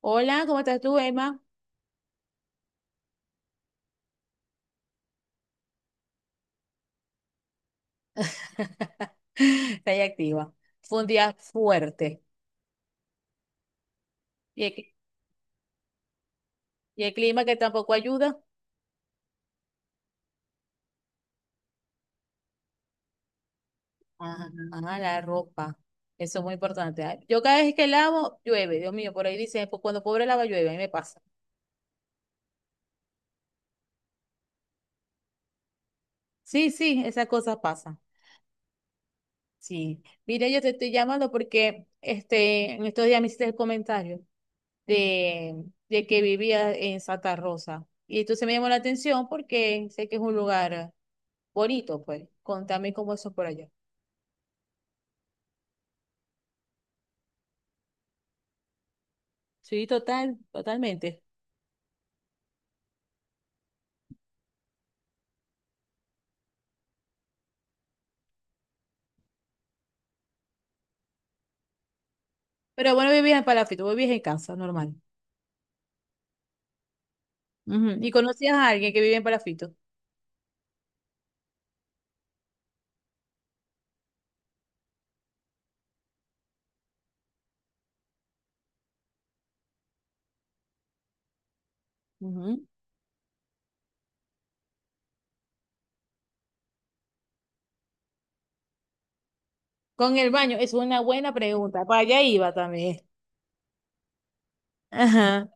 Hola, ¿cómo estás tú, Emma? Está ahí activa. Fue un día fuerte. Y el, cli- y el clima que tampoco ayuda. La ropa. Eso es muy importante. Ay, yo cada vez que lavo, llueve. Dios mío, por ahí dicen, "Pues cuando pobre lava, llueve." A mí me pasa. Sí, sí, esas cosas pasan. Sí. Mira, yo te estoy llamando porque en estos días me hiciste el comentario de, de que vivía en Santa Rosa. Y entonces me llamó la atención porque sé que es un lugar. Bonito, pues. Contame cómo eso es por allá. Sí, total, totalmente. Pero bueno, ¿vivías en Palafito, vivías en casa, normal? Ujú. ¿Y conocías a alguien que vive en Palafito? Ujú. Con el baño, es una buena pregunta. Para allá iba también. Ajá,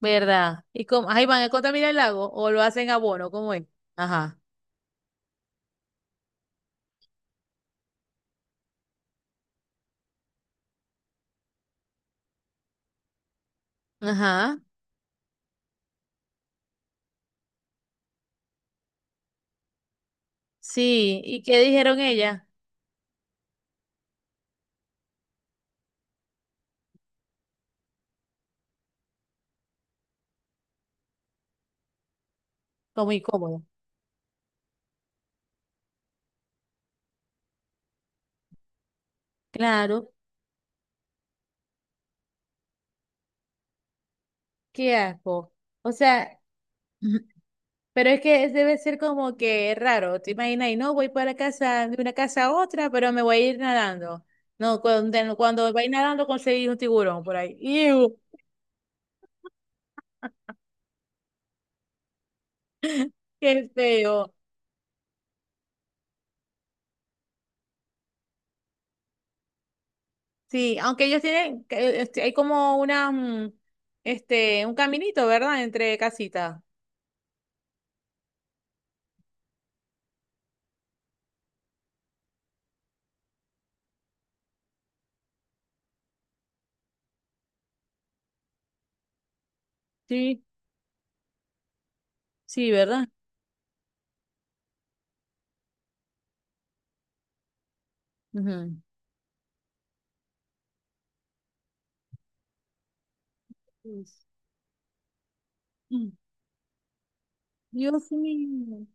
¿verdad? ¿Y cómo? Ahí van a contaminar el lago o lo hacen abono, ¿cómo es? Ajá, ajá. Sí, ¿y qué dijeron ella? Como incómodo. Claro. Qué asco. O sea, pero es que debe ser como que raro, te imaginas, y no voy para casa, de una casa a otra, pero me voy a ir nadando. No, cuando vais nadando conseguís un tiburón por ahí. ¡Iu! ¡Qué feo! Sí, aunque ellos tienen, hay como una, un caminito, ¿verdad? Entre casitas. Sí, sí, ¿verdad? Ujú. Dios. Mm. Dios mío.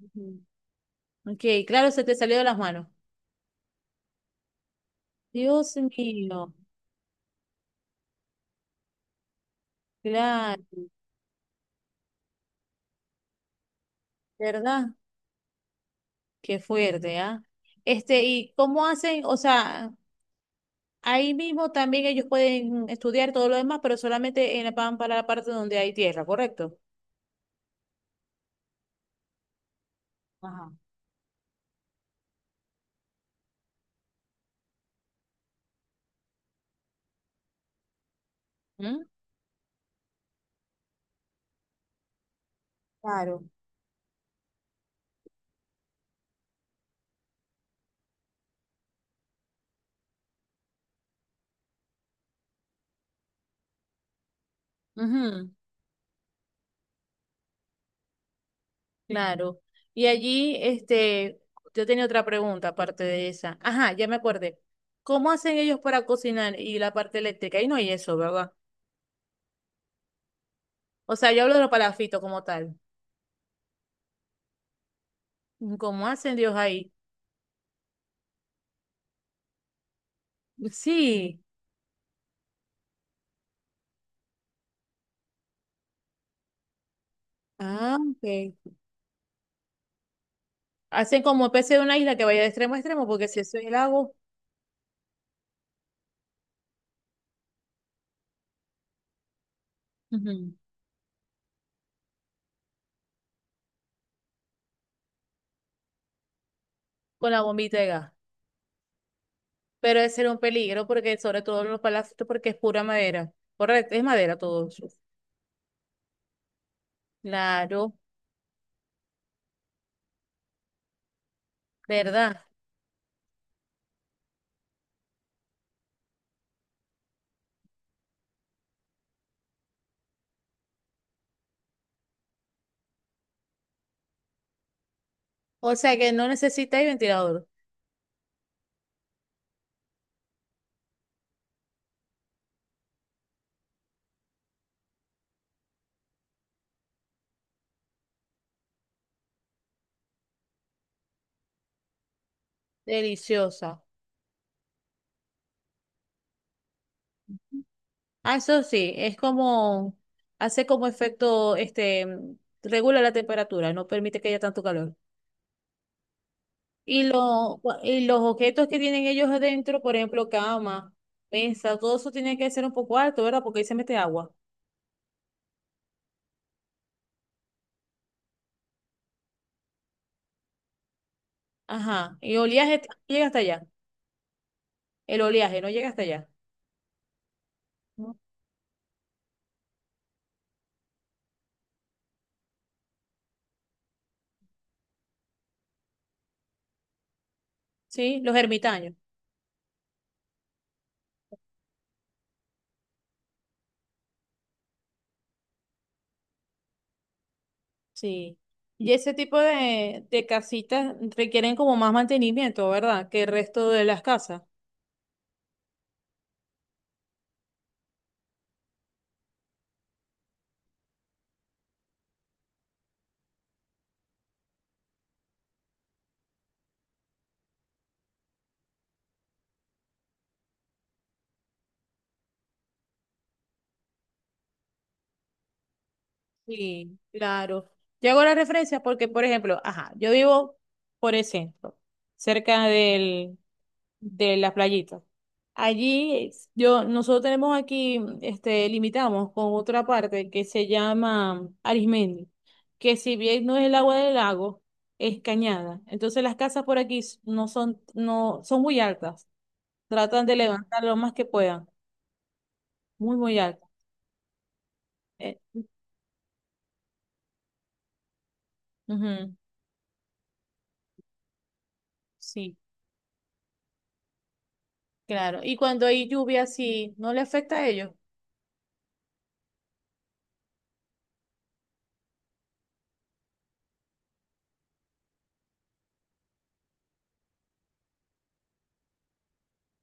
Ujú. Ok, claro, se te salió de las manos. Dios mío, claro, ¿verdad? Qué fuerte, ¿ah? ¿Y cómo hacen? O sea, ahí mismo también ellos pueden estudiar todo lo demás, pero solamente en la, van para la parte donde hay tierra, ¿correcto? Ajá. ¿Mm? Claro. Ujú, sí. Claro. Y allí, yo tenía otra pregunta aparte de esa. Ajá, ya me acordé. ¿Cómo hacen ellos para cocinar y la parte eléctrica? Ahí no hay eso, ¿verdad? O sea, yo hablo de los palafitos como tal. ¿Cómo hacen Dios ahí? Sí. Ah, ok. Hacen como especie de una isla que vaya de extremo a extremo, porque si eso es el lago, ujú. Con la bombita de gas. Pero ese era un peligro, porque sobre todo los palacios, porque es pura madera. Correcto, es madera todo eso. Claro, ¿verdad? O sea que no necesitáis ventilador. Deliciosa. Ah, eso sí, es como, hace como efecto, regula la temperatura, no permite que haya tanto calor. Y, y los objetos que tienen ellos adentro, por ejemplo, cama, mesa, todo eso tiene que ser un poco alto, ¿verdad? Porque ahí se mete agua. Ajá. Llega hasta allá. El oleaje no llega hasta allá. ¿No? Sí, los ermitaños. Sí. Y ese tipo de casitas requieren como más mantenimiento, ¿verdad? Que el resto de las casas. Sí, claro. Yo hago la referencia porque, por ejemplo, ajá, yo vivo por el centro, cerca del, de la playita. Allí, yo, nosotros tenemos aquí, limitamos con otra parte que se llama Arismendi, que si bien no es el agua del lago, es cañada. Entonces las casas por aquí no son, no, son muy altas. Tratan de levantar lo más que puedan. Muy, muy altas. Eh, ujú, sí, claro. Y cuando hay lluvia, sí, no le afecta a ellos.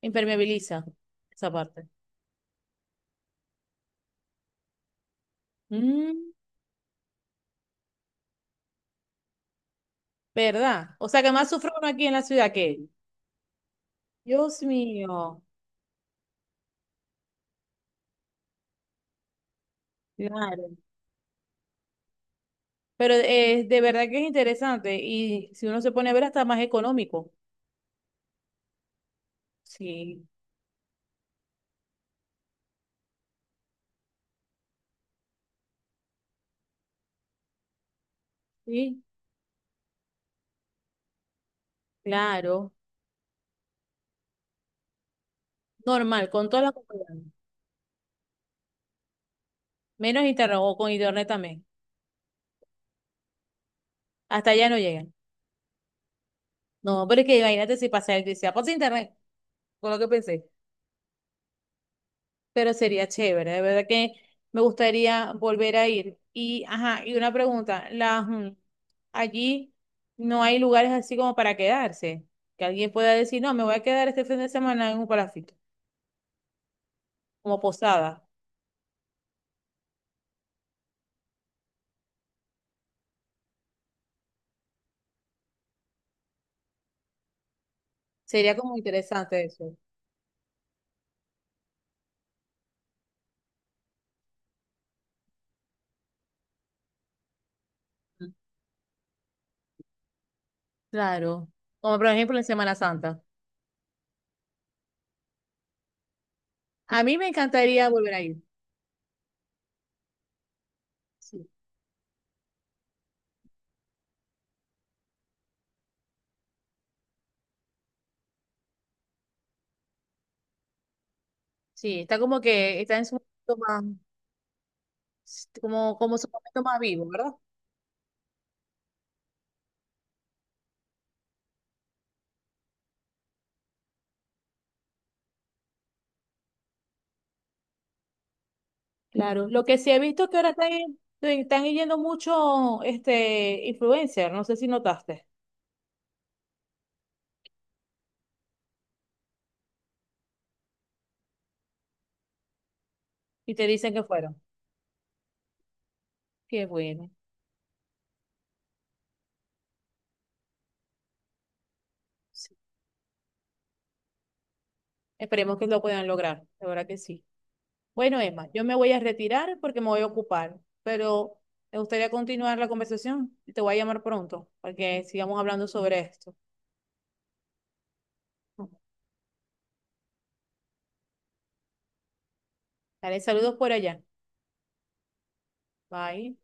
Impermeabiliza esa parte. Mm, ¿verdad? O sea que más sufre uno aquí en la ciudad que ellos. Dios mío, claro. Pero de verdad que es interesante y si uno se pone a ver hasta más económico. Sí, sí, claro. Normal, con todas las comodidades. ¿Menos internet o con internet también? Hasta allá no llegan. No, pero es que imagínate si pasa, si sea, pasa internet, con lo que pensé. Pero sería chévere, de verdad que me gustaría volver a ir. Y, ajá, y una pregunta, allí no hay lugares así como para quedarse, que alguien pueda decir, no, me voy a quedar este fin de semana en un palafito, como posada. Sería como interesante eso. Claro, como por ejemplo en Semana Santa. A mí me encantaría volver a ir. Sí, sí, está como que está en momento más, como, como su momento más vivo, ¿verdad? Claro, lo que sí he visto es que ahora están, están yendo mucho influencer, no sé si notaste, y te dicen que fueron. Qué bueno. Sí. Esperemos que lo puedan lograr, de verdad que sí. Bueno, Emma, yo me voy a retirar porque me voy a ocupar, pero me gustaría continuar la conversación y te voy a llamar pronto para que sigamos hablando sobre esto. Dale saludos por allá. Bye.